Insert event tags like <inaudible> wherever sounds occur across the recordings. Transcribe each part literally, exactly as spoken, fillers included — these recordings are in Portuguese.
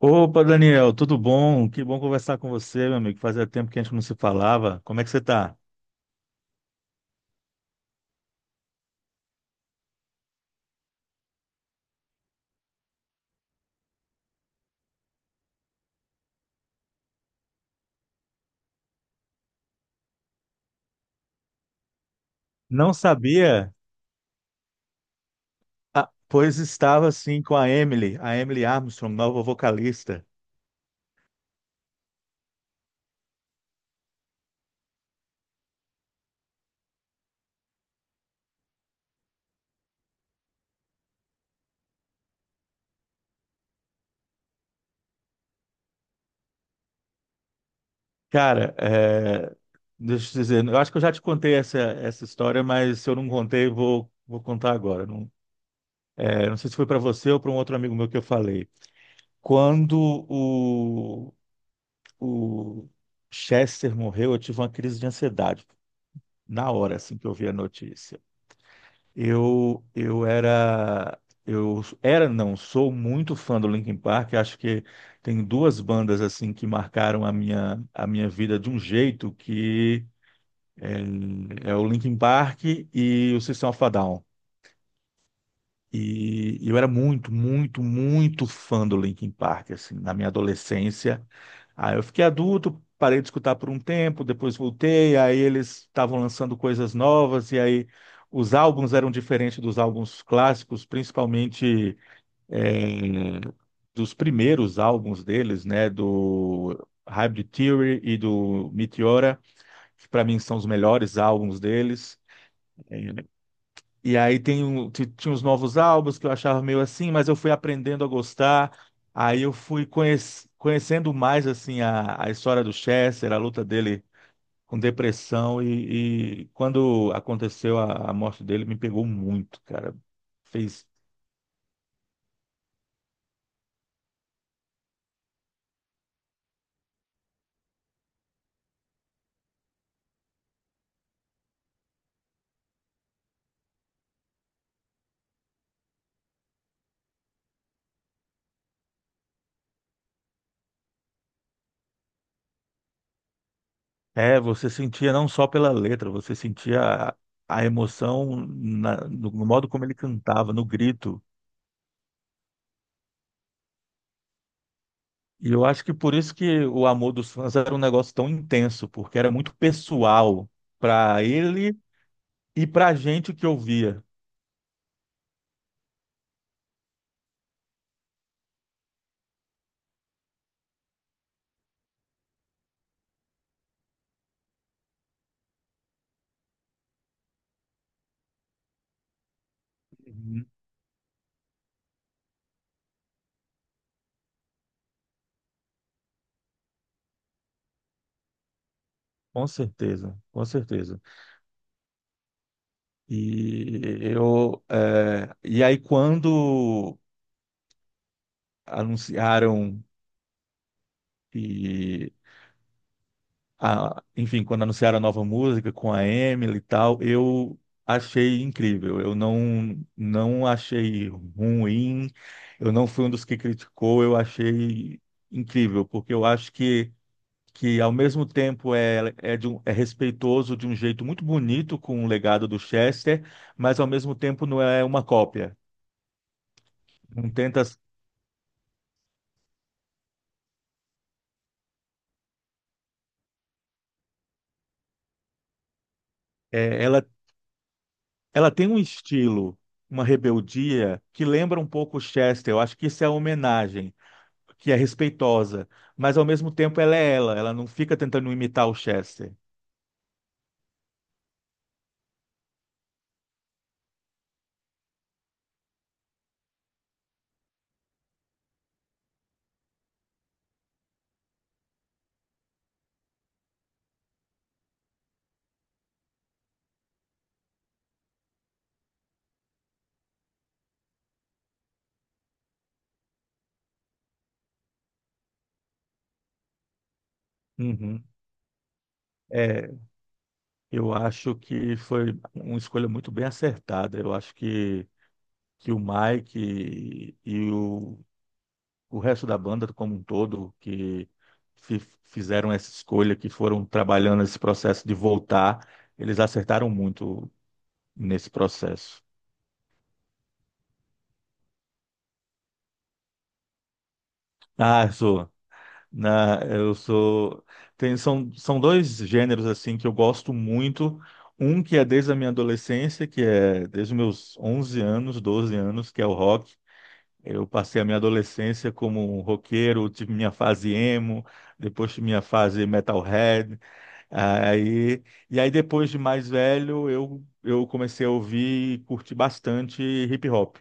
Opa, Daniel, tudo bom? Que bom conversar com você, meu amigo. Fazia tempo que a gente não se falava. Como é que você tá? Não sabia? Ah, pois estava sim com a Emily, a Emily Armstrong, nova vocalista. Cara, é, deixa eu te dizer, eu acho que eu já te contei essa, essa história, mas se eu não contei, vou, vou contar agora. Não, é, não sei se foi para você ou para um outro amigo meu que eu falei. Quando o, o Chester morreu, eu tive uma crise de ansiedade. Na hora assim que eu vi a notícia. Eu, eu era, eu era, não, sou muito fã do Linkin Park. Acho que tem duas bandas assim que marcaram a minha, a minha vida de um jeito que hum, é o Linkin Park e o System of a Down. E eu era muito, muito, muito fã do Linkin Park assim, na minha adolescência. Aí eu fiquei adulto, parei de escutar por um tempo, depois voltei, aí eles estavam lançando coisas novas, e aí os álbuns eram diferentes dos álbuns clássicos, principalmente eh, dos primeiros álbuns deles, né, do Hybrid Theory e do Meteora, que para mim são os melhores álbuns deles. E aí tem um, ti- tinha os novos álbuns que eu achava meio assim, mas eu fui aprendendo a gostar. Aí eu fui conhec- conhecendo mais assim a, a história do Chester, a luta dele com depressão e, e quando aconteceu a, a morte dele me pegou muito, cara. Fez, é, você sentia não só pela letra, você sentia a, a emoção na- no, no modo como ele cantava, no grito. E eu acho que por isso que o amor dos fãs era um negócio tão intenso, porque era muito pessoal para ele e para a gente que ouvia. Uhum. Com certeza, com certeza. E eu, eh, e aí quando anunciaram que a- enfim, quando anunciaram a nova música com a Emily e tal, eu achei incrível. Eu não, não achei ruim, eu não fui um dos que criticou, eu achei incrível, porque eu acho que, que ao mesmo tempo é, é, de um- é respeitoso de um jeito muito bonito com o legado do Chester, mas ao mesmo tempo não é uma cópia. Não tenta, é, ela, ela tem um estilo, uma rebeldia que lembra um pouco o Chester. Eu acho que isso é uma homenagem, que é respeitosa, mas ao mesmo tempo ela é ela, ela não fica tentando imitar o Chester. Uhum. É, eu acho que foi uma escolha muito bem acertada. Eu acho que, que o Mike e, e o, o resto da banda como um todo que fi- fizeram essa escolha, que foram trabalhando esse processo de voltar, eles acertaram muito nesse processo. Ah, Zoa. Na, eu sou. Tem, são, são dois gêneros assim que eu gosto muito. Um que é desde a minha adolescência, que é desde os meus onze anos, doze anos, que é o rock. Eu passei a minha adolescência como um roqueiro, tive minha fase emo, depois tive minha fase metalhead. Aí, e aí depois de mais velho, eu, eu comecei a ouvir e curtir bastante hip hop.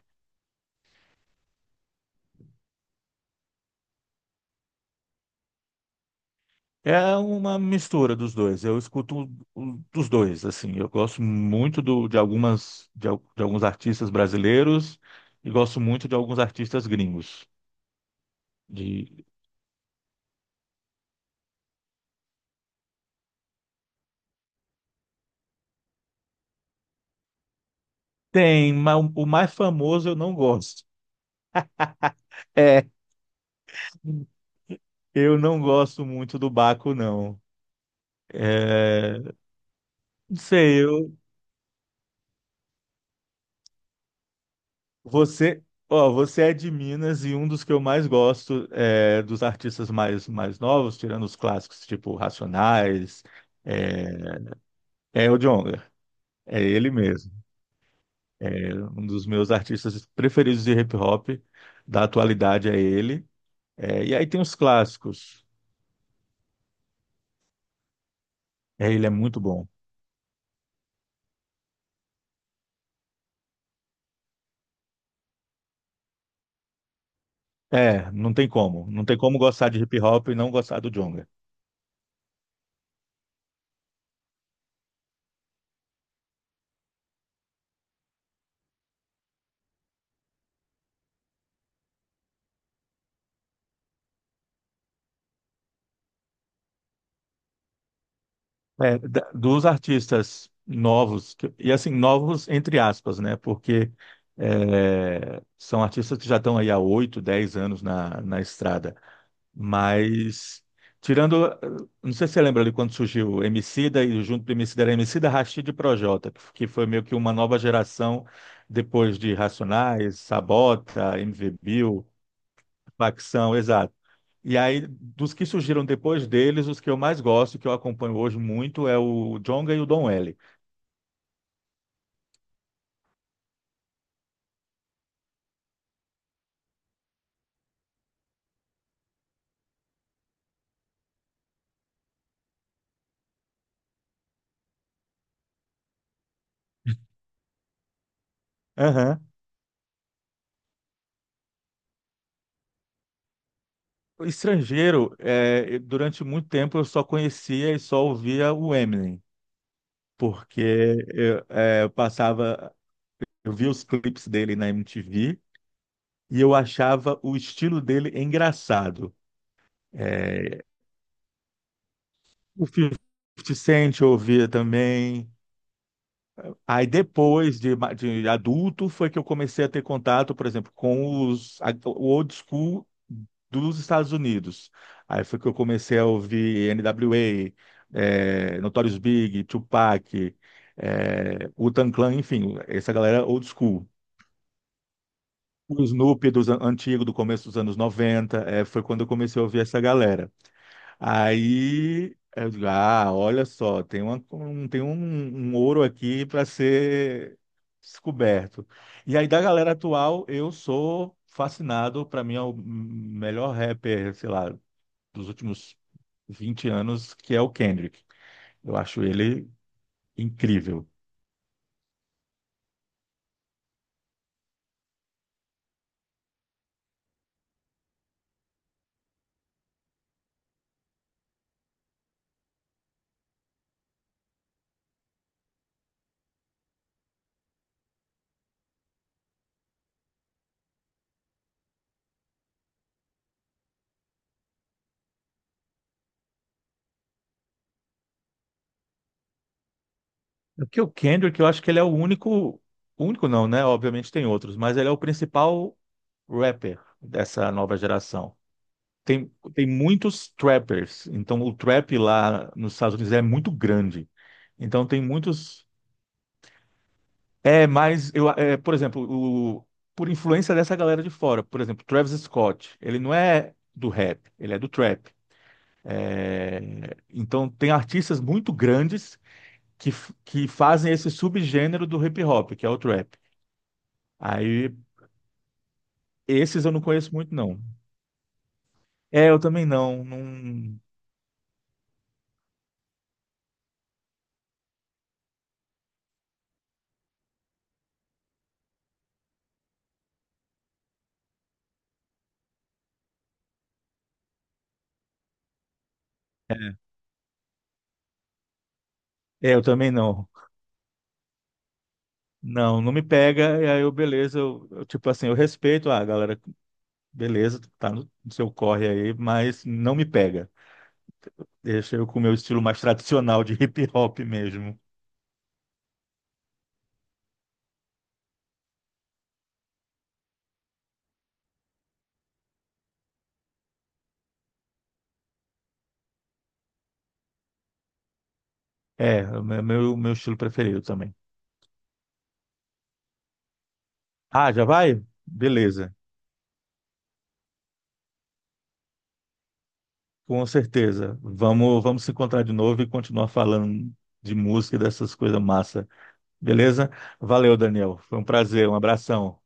É uma mistura dos dois. Eu escuto o- dos dois, assim. Eu gosto muito do- de algumas de, al- de alguns artistas brasileiros e gosto muito de alguns artistas gringos. De- Tem, mas o o mais famoso eu não gosto. <laughs> É, eu não gosto muito do Baco, não. É, não sei, eu, você, ó, você é de Minas e um dos que eu mais gosto é, dos artistas mais, mais novos, tirando os clássicos, tipo Racionais, é, é o Djonga, é ele mesmo. É um dos meus artistas preferidos de hip hop, da atualidade é ele. É, e aí tem os clássicos. É, ele é muito bom. É, não tem como. Não tem como gostar de hip hop e não gostar do Djonga. É, da- dos artistas novos, que- e assim, novos entre aspas, né? Porque é, são artistas que já estão aí há oito, dez anos na, na estrada. Mas, tirando, eh, não sei se você lembra ali quando surgiu o Emicida e junto do Emicida era Emicida, Rashid e Projota, que f- que foi meio que uma nova geração depois de Racionais, Sabota, M V Bill, Facção, exato. E aí, dos que surgiram depois deles, os que eu mais gosto, que eu acompanho hoje muito, é o Djonga e o Don L. Aham. O Estrangeiro, eh, durante muito tempo eu só conhecia e só ouvia o Eminem, porque eu, eh, eu passava. Eu vi os clipes dele na M T V e eu achava o estilo dele engraçado. É, o fifty Cent eu ouvia também. Aí depois de, ma- de adulto foi que eu comecei a ter contato, por exemplo, com os, a- o old school dos Estados Unidos. Aí foi que eu comecei a ouvir N W A, é, Notorious Big, Tupac, é, Wu-Tang Clan, enfim, essa galera old school. O Snoopy dos an- antigo, do começo dos anos noventa é, foi quando eu comecei a ouvir essa galera. Aí, eu digo, ah, olha só, tem uma, um, tem um, um ouro aqui para ser descoberto. E aí, da galera atual, eu sou fascinado, para mim é o melhor rapper, sei lá, dos últimos vinte anos, que é o Kendrick. Eu acho ele incrível. Porque o Kendrick, eu acho que ele é o único, único não, né? Obviamente tem outros, mas ele é o principal rapper dessa nova geração. Tem, tem muitos trappers, então o trap lá nos Estados Unidos é muito grande. Então tem muitos. É, mas eu, é, por exemplo, o, por influência dessa galera de fora, por exemplo, Travis Scott, ele não é do rap, ele é do trap. É, então tem artistas muito grandes que, f- que fazem esse subgênero do hip hop, que é o trap. Aí esses eu não conheço muito, não. É, eu também não. Não. É, eu também não. Não, não me pega, e aí eu, beleza, eu, eu, tipo assim, eu respeito, ah, galera, beleza, tá no, no seu corre aí, mas não me pega. Deixa eu com o meu estilo mais tradicional de hip hop mesmo. É, o meu, meu meu estilo preferido também. Ah, já vai? Beleza, com certeza. Vamos, vamos se encontrar de novo e continuar falando de música e dessas coisas massa. Beleza? Valeu, Daniel. Foi um prazer, um abração.